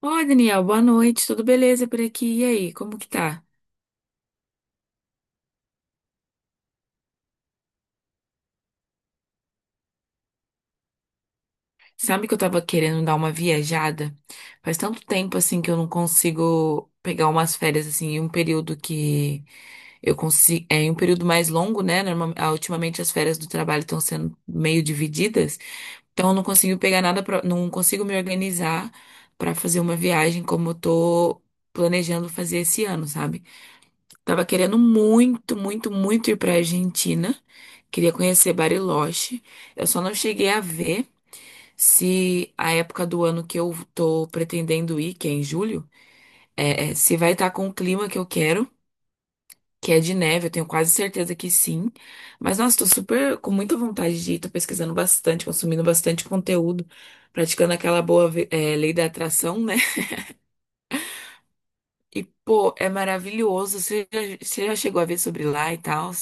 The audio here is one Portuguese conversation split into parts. Oi, Daniel, boa noite, tudo beleza por aqui? E aí, como que tá? Sabe que eu tava querendo dar uma viajada? Faz tanto tempo assim que eu não consigo pegar umas férias assim, em um período que eu consigo, é em um período mais longo, né? Ultimamente as férias do trabalho estão sendo meio divididas, então eu não consigo pegar nada pra não consigo me organizar pra fazer uma viagem como eu tô planejando fazer esse ano, sabe? Tava querendo muito, muito, muito ir pra Argentina. Queria conhecer Bariloche. Eu só não cheguei a ver se a época do ano que eu tô pretendendo ir, que é em julho, se vai estar com o clima que eu quero, que é de neve. Eu tenho quase certeza que sim. Mas, nossa, tô super com muita vontade de ir. Tô pesquisando bastante, consumindo bastante conteúdo, praticando aquela boa, lei da atração, né? E, pô, é maravilhoso. Você já chegou a ver sobre lá e tal?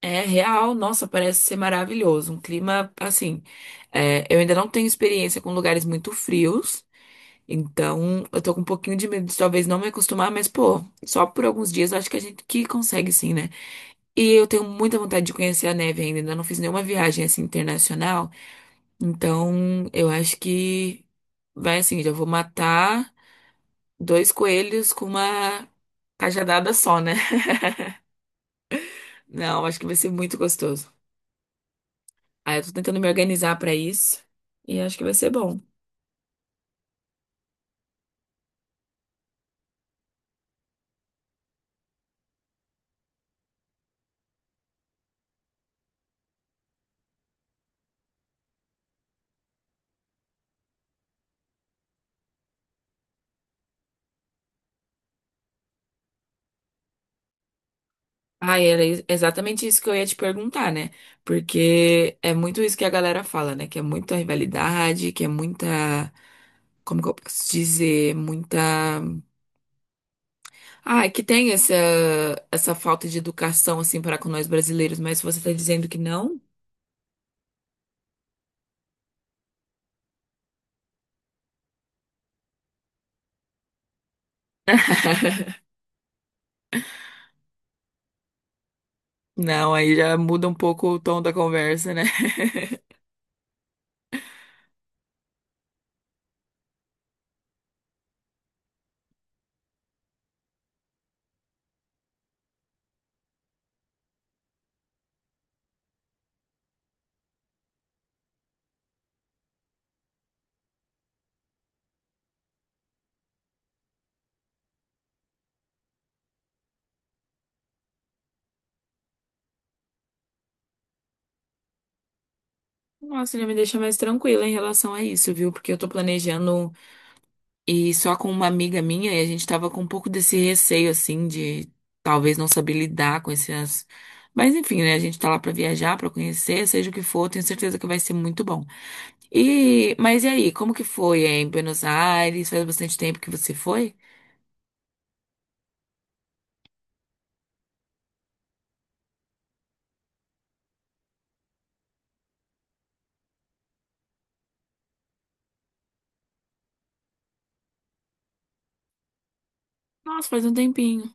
É real, nossa, parece ser maravilhoso. Um clima assim. Eu ainda não tenho experiência com lugares muito frios, então eu tô com um pouquinho de medo de talvez não me acostumar, mas pô, só por alguns dias eu acho que a gente que consegue sim, né? E eu tenho muita vontade de conhecer a neve ainda, ainda não fiz nenhuma viagem assim internacional, então eu acho que vai assim, já vou matar dois coelhos com uma cajadada só, né? Não, acho que vai ser muito gostoso. Aí eu tô tentando me organizar pra isso e acho que vai ser bom. Ah, e era exatamente isso que eu ia te perguntar, né? Porque é muito isso que a galera fala, né? Que é muita rivalidade, que é muita. Como que eu posso dizer? Muita. Ah, é que tem essa falta de educação, assim, para com nós brasileiros, mas você tá dizendo que não? Não, aí já muda um pouco o tom da conversa, né? Nossa, já me deixa mais tranquila em relação a isso, viu? Porque eu tô planejando. E só com uma amiga minha, e a gente tava com um pouco desse receio, assim, de talvez não saber lidar com essas. Mas enfim, né? A gente tá lá pra viajar, pra conhecer, seja o que for, tenho certeza que vai ser muito bom. E, mas e aí, como que foi em Buenos Aires? Faz bastante tempo que você foi? Nossa, faz um tempinho.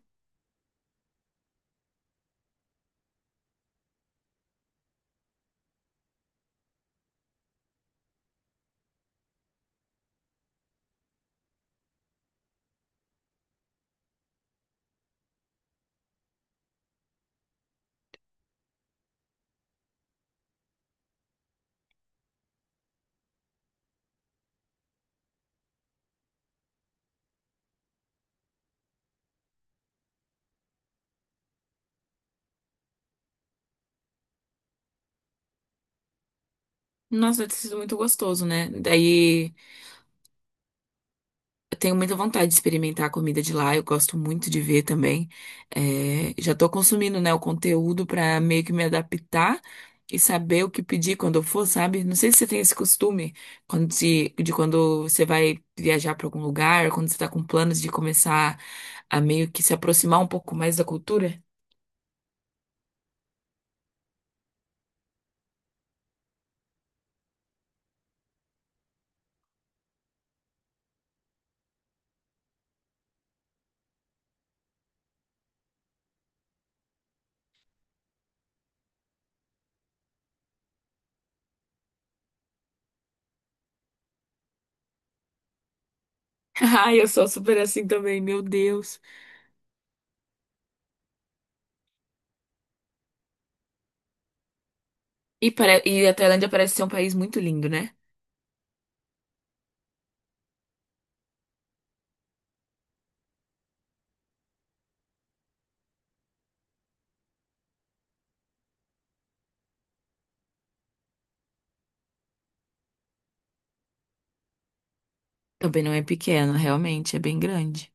Nossa, deve ter sido muito gostoso, né? Daí. Eu tenho muita vontade de experimentar a comida de lá, eu gosto muito de ver também. É, já tô consumindo, né, o conteúdo pra meio que me adaptar e saber o que pedir quando eu for, sabe? Não sei se você tem esse costume quando se, de quando você vai viajar pra algum lugar, quando você tá com planos de começar a meio que se aproximar um pouco mais da cultura. Ai, eu sou super assim também, meu Deus. E, e a Tailândia parece ser um país muito lindo, né? Também não é pequeno, realmente, é bem grande.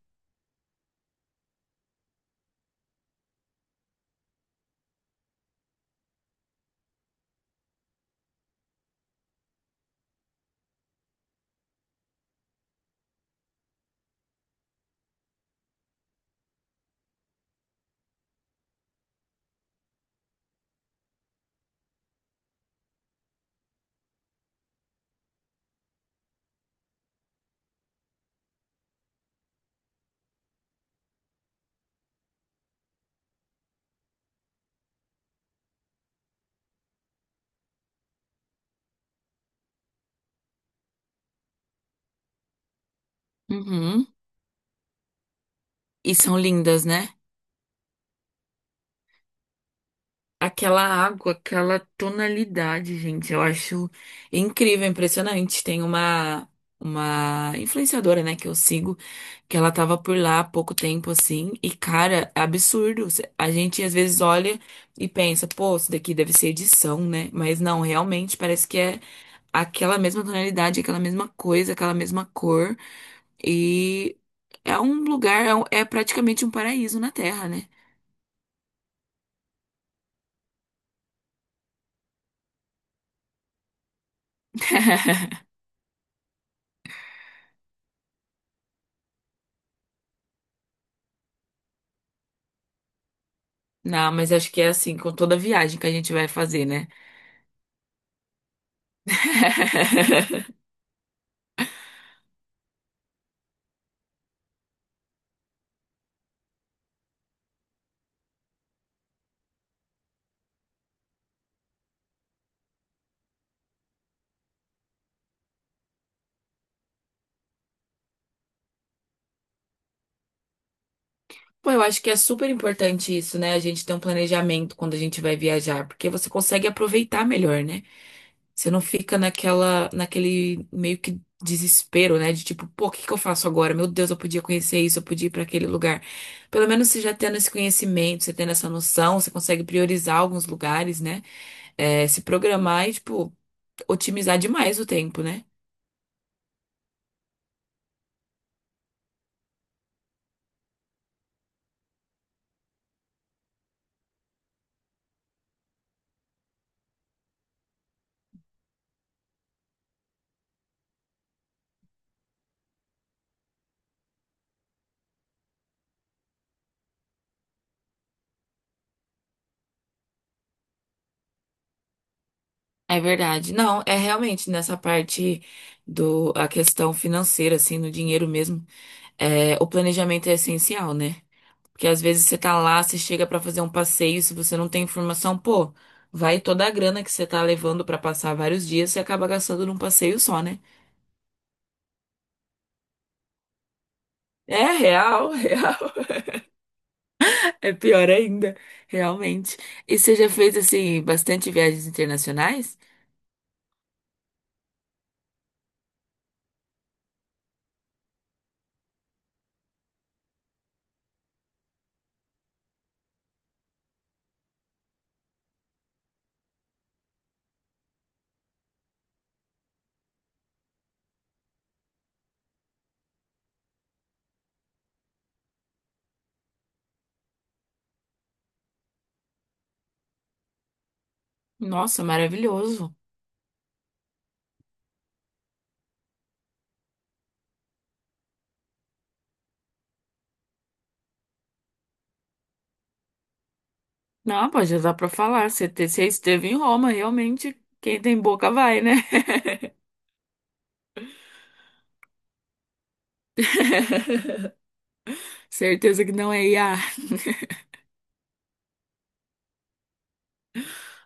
Uhum. E são lindas, né? Aquela água, aquela tonalidade, gente, eu acho incrível, impressionante. Tem uma influenciadora, né, que eu sigo, que ela tava por lá há pouco tempo assim, e cara, é absurdo. A gente às vezes olha e pensa, pô, isso daqui deve ser edição, né? Mas não, realmente parece que é aquela mesma tonalidade, aquela mesma coisa, aquela mesma cor, e é um lugar, é praticamente um paraíso na Terra, né? Não, mas acho que é assim com toda viagem que a gente vai fazer, né? Pô, eu acho que é super importante isso, né? A gente ter um planejamento quando a gente vai viajar, porque você consegue aproveitar melhor, né? Você não fica naquela, naquele meio que desespero, né? De tipo, pô, o que que eu faço agora? Meu Deus, eu podia conhecer isso, eu podia ir para aquele lugar. Pelo menos você já tendo esse conhecimento, você tendo essa noção, você consegue priorizar alguns lugares, né? É, se programar e, tipo, otimizar demais o tempo, né? É verdade. Não, é realmente nessa parte do a questão financeira, assim, no dinheiro mesmo, é, o planejamento é essencial, né? Porque às vezes você tá lá, você chega pra fazer um passeio, se você não tem informação, pô, vai toda a grana que você tá levando pra passar vários dias, você acaba gastando num passeio só, né? É real, real. É pior ainda, realmente. E você já fez, assim, bastante viagens internacionais? Nossa, maravilhoso. Não, pô, já dá pra falar. Você esteve em Roma, realmente. Quem tem boca vai, né? Certeza que não é IA.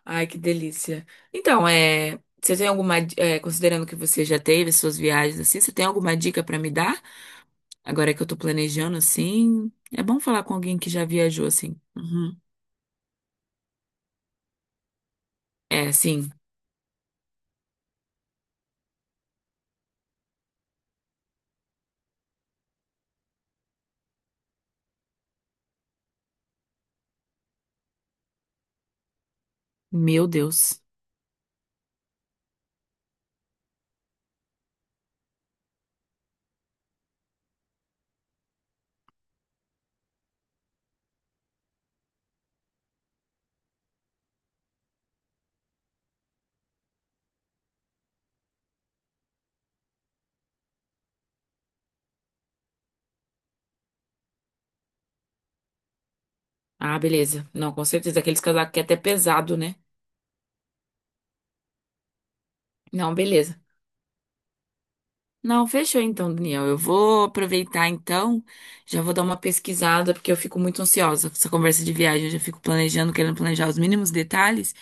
Ai, que delícia. Então, é, você tem alguma, é, considerando que você já teve suas viagens assim, você tem alguma dica pra me dar? Agora que eu tô planejando assim, é bom falar com alguém que já viajou assim. Uhum. É, sim. Meu Deus. Ah, beleza. Não, com certeza. Aqueles casacos que é até pesado, né? Não, beleza. Não, fechou então, Daniel. Eu vou aproveitar então, já vou dar uma pesquisada, porque eu fico muito ansiosa com essa conversa de viagem. Eu já fico planejando, querendo planejar os mínimos detalhes.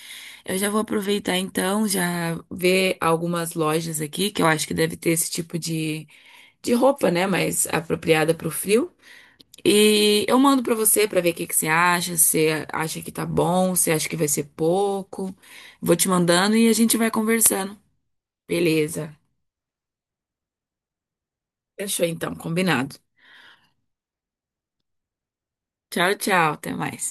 Eu já vou aproveitar então, já ver algumas lojas aqui, que eu acho que deve ter esse tipo de roupa, né? Mais apropriada para o frio. E eu mando para você para ver o que que você acha, se acha que tá bom, se acha que vai ser pouco. Vou te mandando e a gente vai conversando. Beleza. Fechou então, combinado. Tchau, tchau. Até mais.